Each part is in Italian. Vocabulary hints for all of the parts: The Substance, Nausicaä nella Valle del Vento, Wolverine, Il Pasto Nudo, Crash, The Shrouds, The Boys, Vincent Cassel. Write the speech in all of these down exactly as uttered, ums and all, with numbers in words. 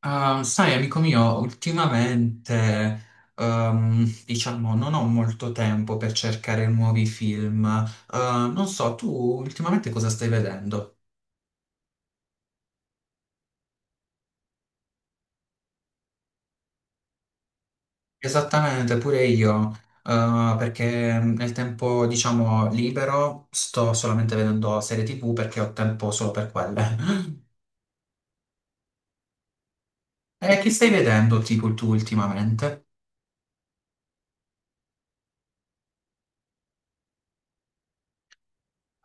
Ah, sai, amico mio, ultimamente, ehm, diciamo, non ho molto tempo per cercare nuovi film. Eh, non so, tu ultimamente cosa stai vedendo? Esattamente, pure io, eh, perché nel tempo, diciamo, libero sto solamente vedendo serie T V perché ho tempo solo per quelle. E che stai vedendo, tipo, tu ultimamente?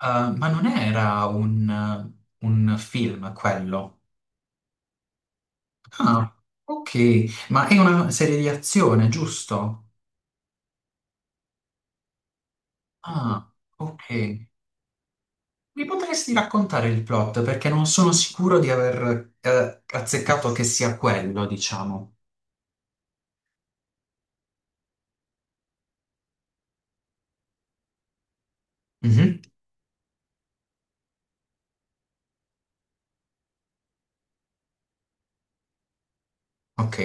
Eh, ma non era un un film quello? Ah, ok, ma è una serie di azione, giusto? Ah, ok. Mi potresti raccontare il plot perché non sono sicuro di aver eh, azzeccato che sia quello, diciamo. Mhm, ok,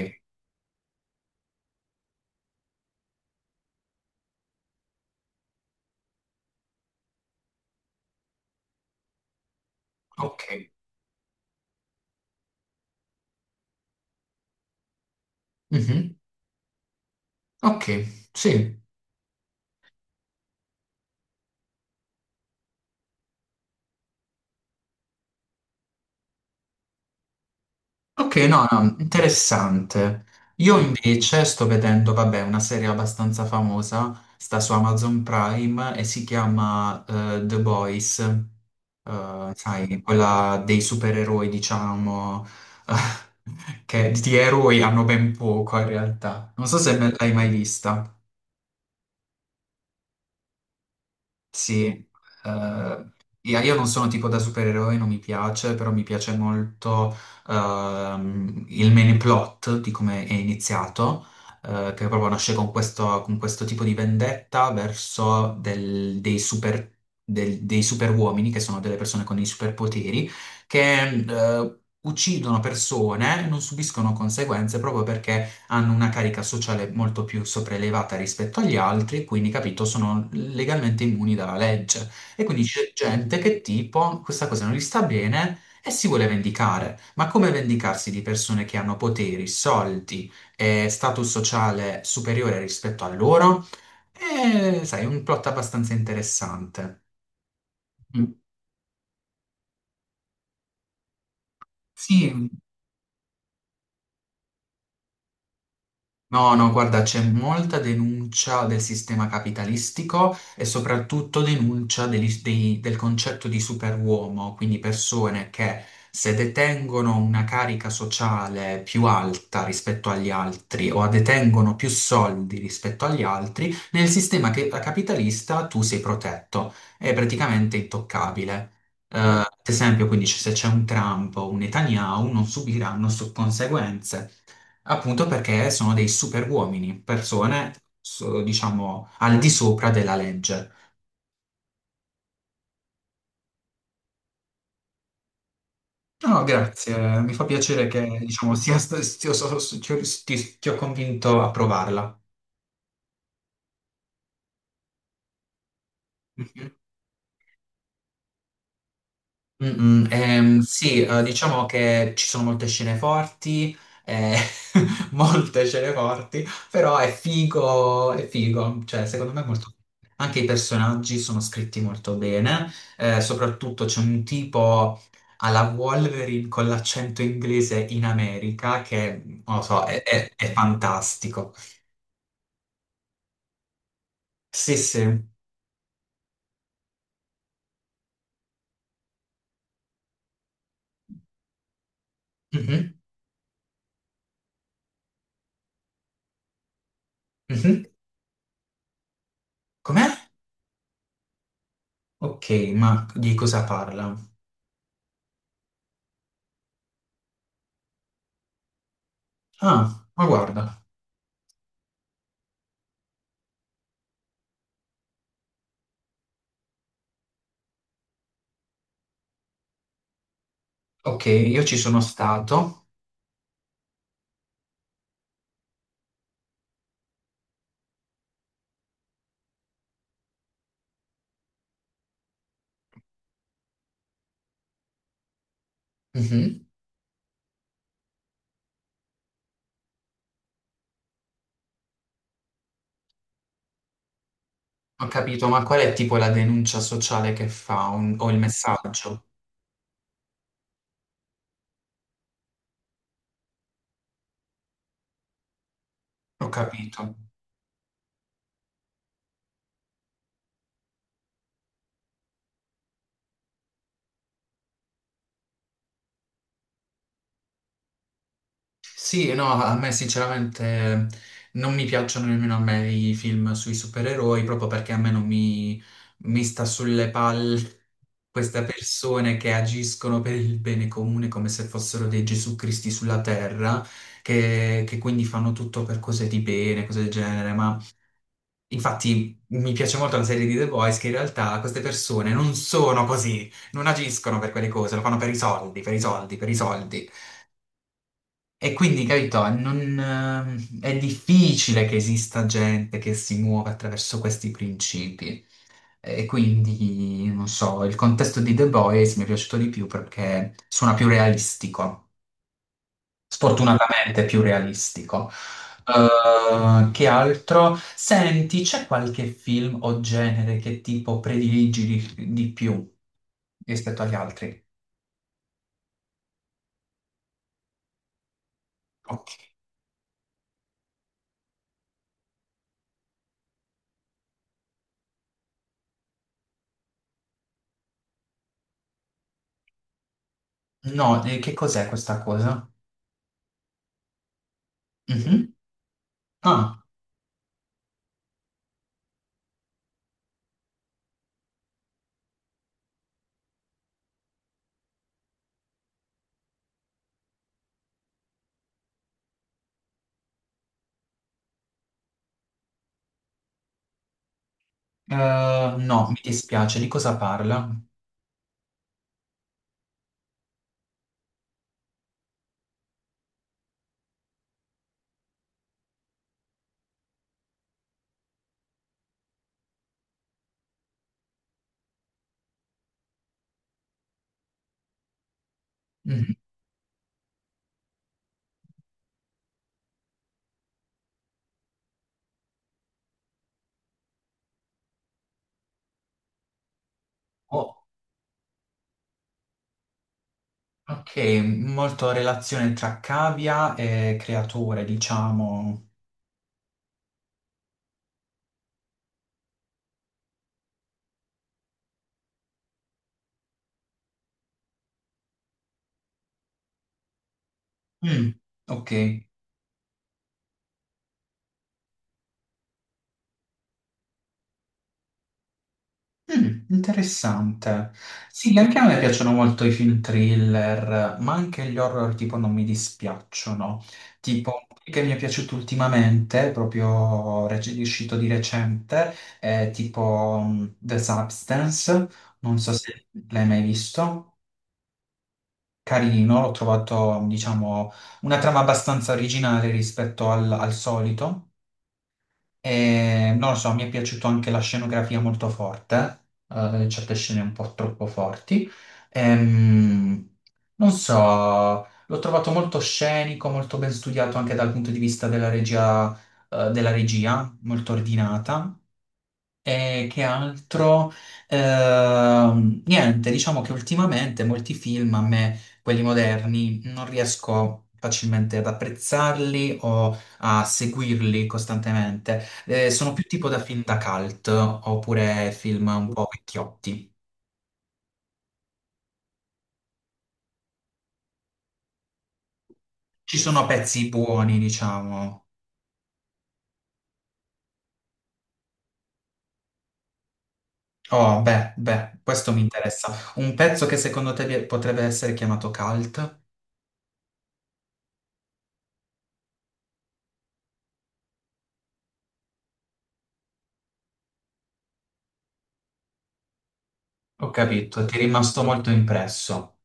ok, mhm, ok, sì. Ok, no, no, interessante. Io invece sto vedendo, vabbè, una serie abbastanza famosa, sta su Amazon Prime e si chiama eh, The Boys. Eh, sai, quella dei supereroi, diciamo, eh, che di eroi hanno ben poco in realtà. Non so se me l'hai mai vista. Sì, eh, io io non sono tipo da supereroe, non mi piace, però mi piace molto ehm, il main plot di come è iniziato, eh, che proprio nasce con questo, con questo tipo di vendetta verso del- dei super, del- dei super uomini, che sono delle persone con dei superpoteri, che eh, uccidono persone e non subiscono conseguenze proprio perché hanno una carica sociale molto più sopraelevata rispetto agli altri, quindi capito, sono legalmente immuni dalla legge. E quindi c'è gente che tipo questa cosa non gli sta bene e si vuole vendicare. Ma come vendicarsi di persone che hanno poteri, soldi e status sociale superiore rispetto a loro? È, sai, un plot abbastanza interessante. Mm. Sì, no, no, guarda, c'è molta denuncia del sistema capitalistico e soprattutto denuncia degli- dei- del concetto di superuomo, quindi persone che se detengono una carica sociale più alta rispetto agli altri o detengono più soldi rispetto agli altri, nel sistema che- eh, capitalista tu sei protetto, è praticamente intoccabile. Eh, mm, ad esempio, quindi se c'è un Trump o un Netanyahu non subiranno so- conseguenze. Appunto perché sono dei super uomini, persone, so- diciamo, al di sopra della legge. No, no, grazie, mi fa piacere che, diciamo, sia sta- sia- so- so- ti ho ti- ti ho convinto a provarla. Mm, mm, ehm, sì, eh, diciamo che ci sono molte scene forti, eh, molte scene forti, però è figo, è figo, cioè secondo me è molto... Anche i personaggi sono scritti molto bene, eh, soprattutto c'è un tipo alla Wolverine con l'accento inglese in America che, non lo so, è, è- è fantastico. Sì, sì. Mhm, mhm. Com'è? Ok, ma di cosa parla? Ah, ma guarda. Ok, io ci sono stato. Mhm. Ho capito, ma qual è tipo la denuncia sociale che fa un- o il messaggio? Ho capito. Sì, no, a me sinceramente non mi piacciono nemmeno a me i film sui supereroi, proprio perché a me non mi, mi sta sulle palle queste persone che agiscono per il bene comune come se fossero dei Gesù Cristi sulla terra, che, che quindi fanno tutto per cose di bene, cose del genere, infatti mi piace molto la serie di The Boys che in realtà queste persone non sono così, non agiscono per quelle cose, lo fanno per i soldi, per i soldi, per i soldi. E quindi, capito, non, ehm, è difficile che esista gente che si muova attraverso questi principi. E quindi, non so, il contesto di The Boys mi è piaciuto di più perché suona più realistico, sfortunatamente più realistico. Eh, che altro? Senti, c'è qualche film o genere che tipo prediligi di, di più rispetto agli altri? Ok. No, eh, che cos'è questa cosa? Mhm. Ah, eh, no, mi dispiace, di cosa parla? Mhm. Oh, ok, molto relazione tra cavia e creature, diciamo. Mm, ok. Mm, interessante. Sì, anche a me piacciono molto i film thriller, ma anche gli horror tipo non mi dispiacciono. Tipo, che mi è piaciuto ultimamente, proprio rec- uscito di recente, è tipo mm, The Substance, non so se l'hai mai visto. Carino, l'ho trovato, diciamo, una trama abbastanza originale rispetto al al solito. E, non lo so, mi è piaciuto anche la scenografia molto forte, eh, certe scene un po' troppo forti. Ehm, non so, l'ho trovato molto scenico, molto ben studiato anche dal punto di vista della regia, eh, della regia, molto ordinata. E che altro? Ehm, niente, diciamo che ultimamente molti film a me, quelli moderni, non riesco facilmente ad apprezzarli o a seguirli costantemente. Eh, sono più tipo da film da cult oppure film un po' vecchiotti. Ci sono pezzi buoni, diciamo. Oh, beh, beh, questo mi interessa. Un pezzo che secondo te vi- potrebbe essere chiamato cult? Ho capito, ti è rimasto molto impresso.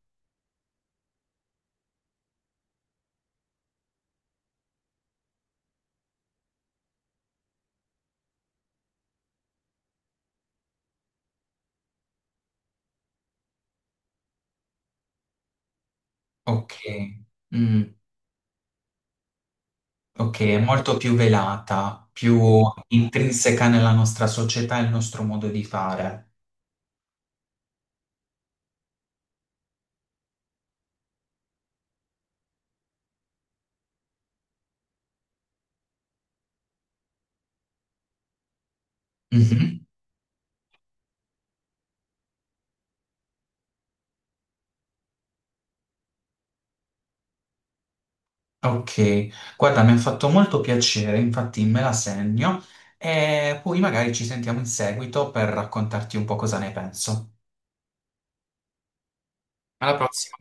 Ok. Mm. Ok, è molto più velata, più intrinseca nella nostra società e il nostro modo di fare. Mhm. Ok, guarda, mi ha fatto molto piacere, infatti me la segno e poi magari ci sentiamo in seguito per raccontarti un po' cosa ne penso. Alla prossima.